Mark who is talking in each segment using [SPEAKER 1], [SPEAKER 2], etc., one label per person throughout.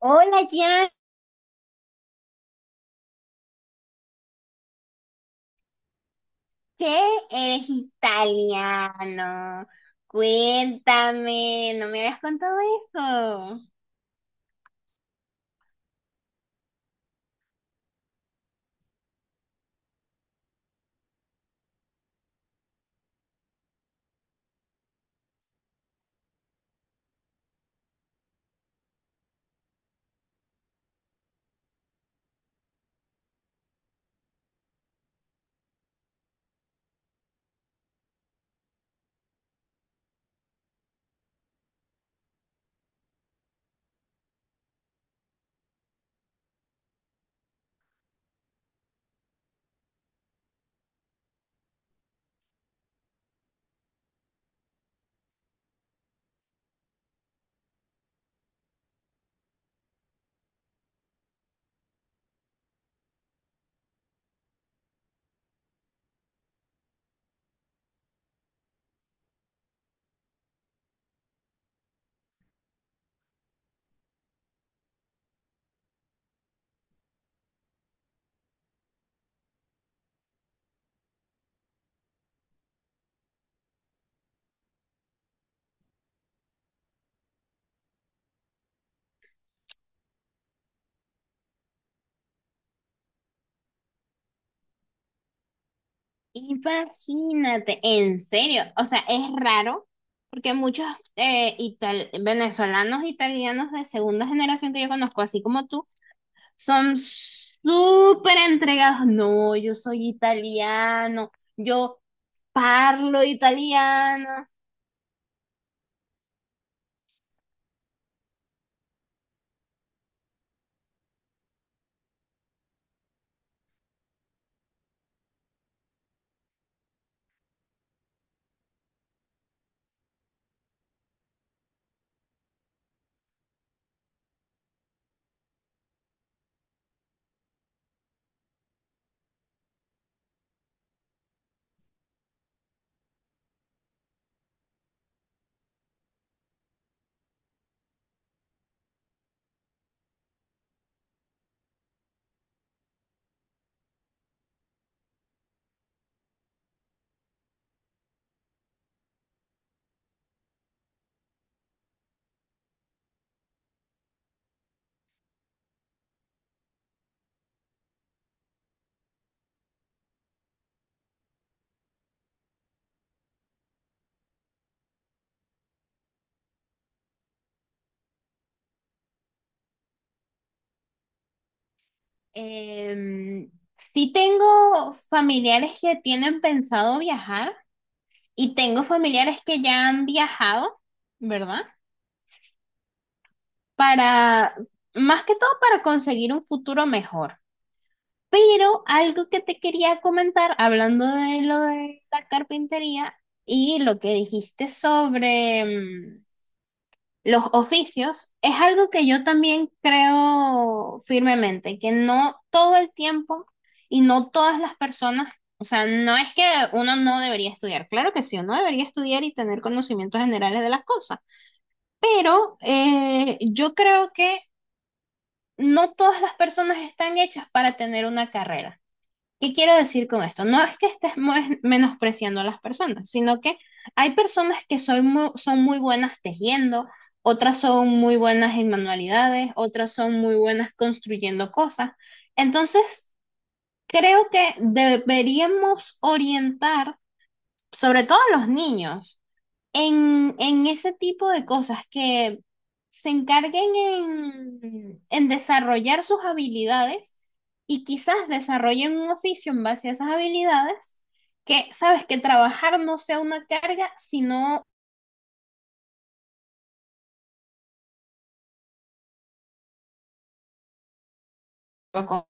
[SPEAKER 1] Hola, ya sé, eres italiano. Cuéntame, no me habías contado eso. Imagínate, en serio, o sea, es raro porque muchos venezolanos, italianos de segunda generación que yo conozco, así como tú, son súper entregados. No, yo soy italiano, yo parlo italiano. Em, sí tengo familiares que tienen pensado viajar y tengo familiares que ya han viajado, ¿verdad? Para, más que todo para conseguir un futuro mejor. Pero algo que te quería comentar, hablando de lo de la carpintería y lo que dijiste sobre, los oficios, es algo que yo también creo firmemente, que no todo el tiempo y no todas las personas, o sea, no es que uno no debería estudiar, claro que sí, uno debería estudiar y tener conocimientos generales de las cosas, pero yo creo que no todas las personas están hechas para tener una carrera. ¿Qué quiero decir con esto? No es que estés mo- menospreciando a las personas, sino que hay personas que son muy buenas tejiendo, otras son muy buenas en manualidades, otras son muy buenas construyendo cosas. Entonces, creo que deberíamos orientar, sobre todo a los niños, en ese tipo de cosas, que se encarguen en desarrollar sus habilidades y quizás desarrollen un oficio en base a esas habilidades, que sabes, que trabajar no sea una carga, sino... Ujú.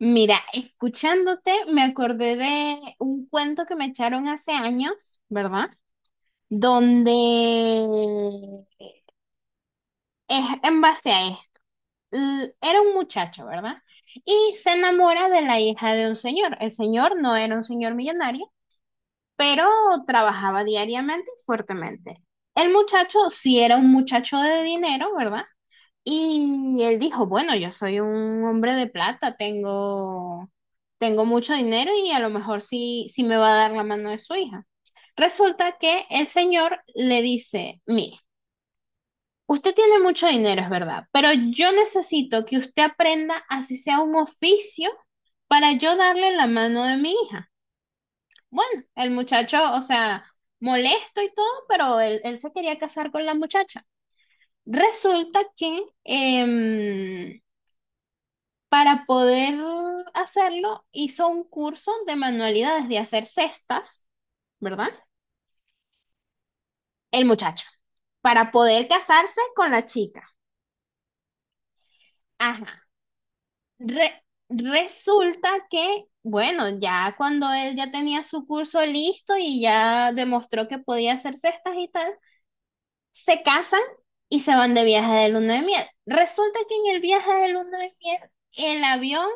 [SPEAKER 1] Mira, escuchándote, me acordé de un cuento que me echaron hace años, ¿verdad? Donde es en base a esto. Era un muchacho, ¿verdad? Y se enamora de la hija de un señor. El señor no era un señor millonario, pero trabajaba diariamente y fuertemente. El muchacho sí era un muchacho de dinero, ¿verdad? Y él dijo, bueno, yo soy un hombre de plata, tengo mucho dinero y a lo mejor sí, sí me va a dar la mano de su hija. Resulta que el señor le dice, mira, usted tiene mucho dinero, es verdad, pero yo necesito que usted aprenda así sea un oficio para yo darle la mano de mi hija. Bueno, el muchacho, o sea, molesto y todo, pero él se quería casar con la muchacha. Resulta que para poder hacerlo hizo un curso de manualidades de hacer cestas, ¿verdad? El muchacho, para poder casarse con la chica. Ajá. Re- Resulta que, bueno, ya cuando él ya tenía su curso listo y ya demostró que podía hacer cestas y tal, se casan y se van de viaje de luna de miel. Resulta que en el viaje de luna de miel el avión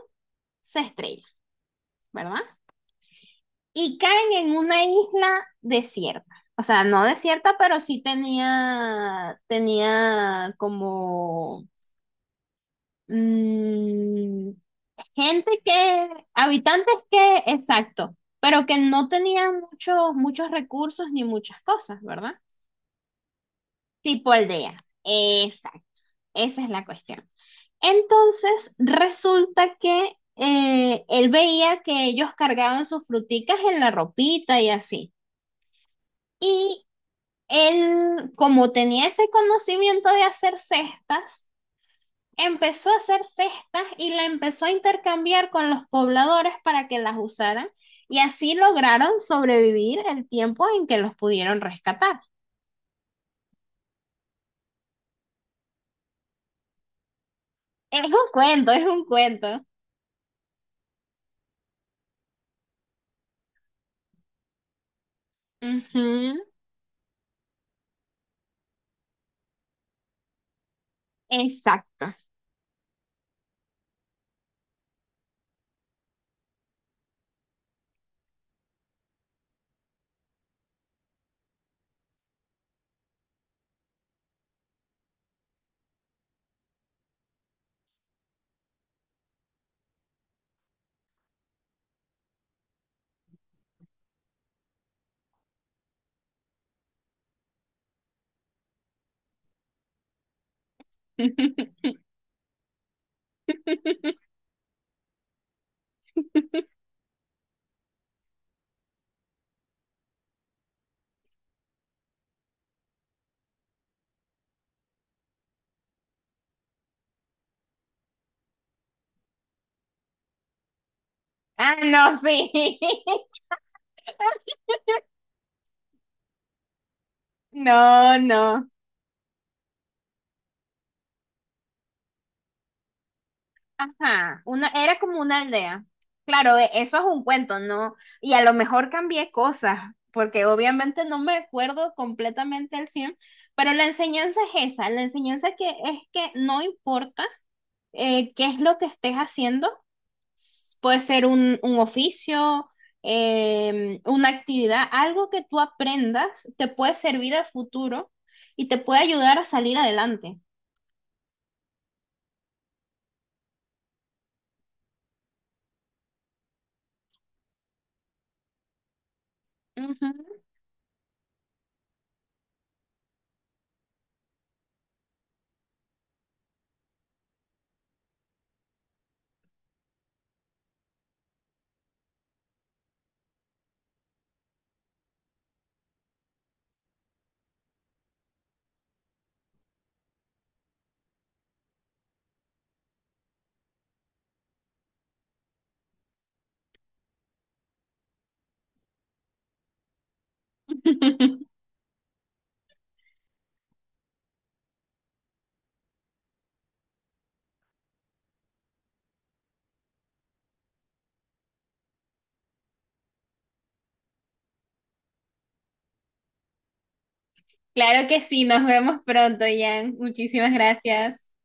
[SPEAKER 1] se estrella, ¿verdad? Y caen en una isla desierta. O sea, no desierta, pero sí tenía como... Mm. Gente que, habitantes que, exacto, pero que no tenían muchos, muchos recursos ni muchas cosas, ¿verdad? Tipo aldea. Exacto. Esa es la cuestión. Entonces, resulta que él veía que ellos cargaban sus fruticas en la ropita y así. Y él, como tenía ese conocimiento de hacer cestas, empezó a hacer cestas y la empezó a intercambiar con los pobladores para que las usaran, y así lograron sobrevivir el tiempo en que los pudieron rescatar. Es un cuento, es un cuento. Ujú. Exacto. Ah, no, sí. No, no. Ajá, una, era como una aldea. Claro, eso es un cuento, ¿no? Y a lo mejor cambié cosas, porque obviamente no me acuerdo completamente al cien, pero la enseñanza es esa, la enseñanza, que es que no importa qué es lo que estés haciendo, puede ser un oficio, una actividad, algo que tú aprendas te puede servir al futuro y te puede ayudar a salir adelante. Ujú. Claro que sí, nos vemos pronto, Jan. Muchísimas gracias.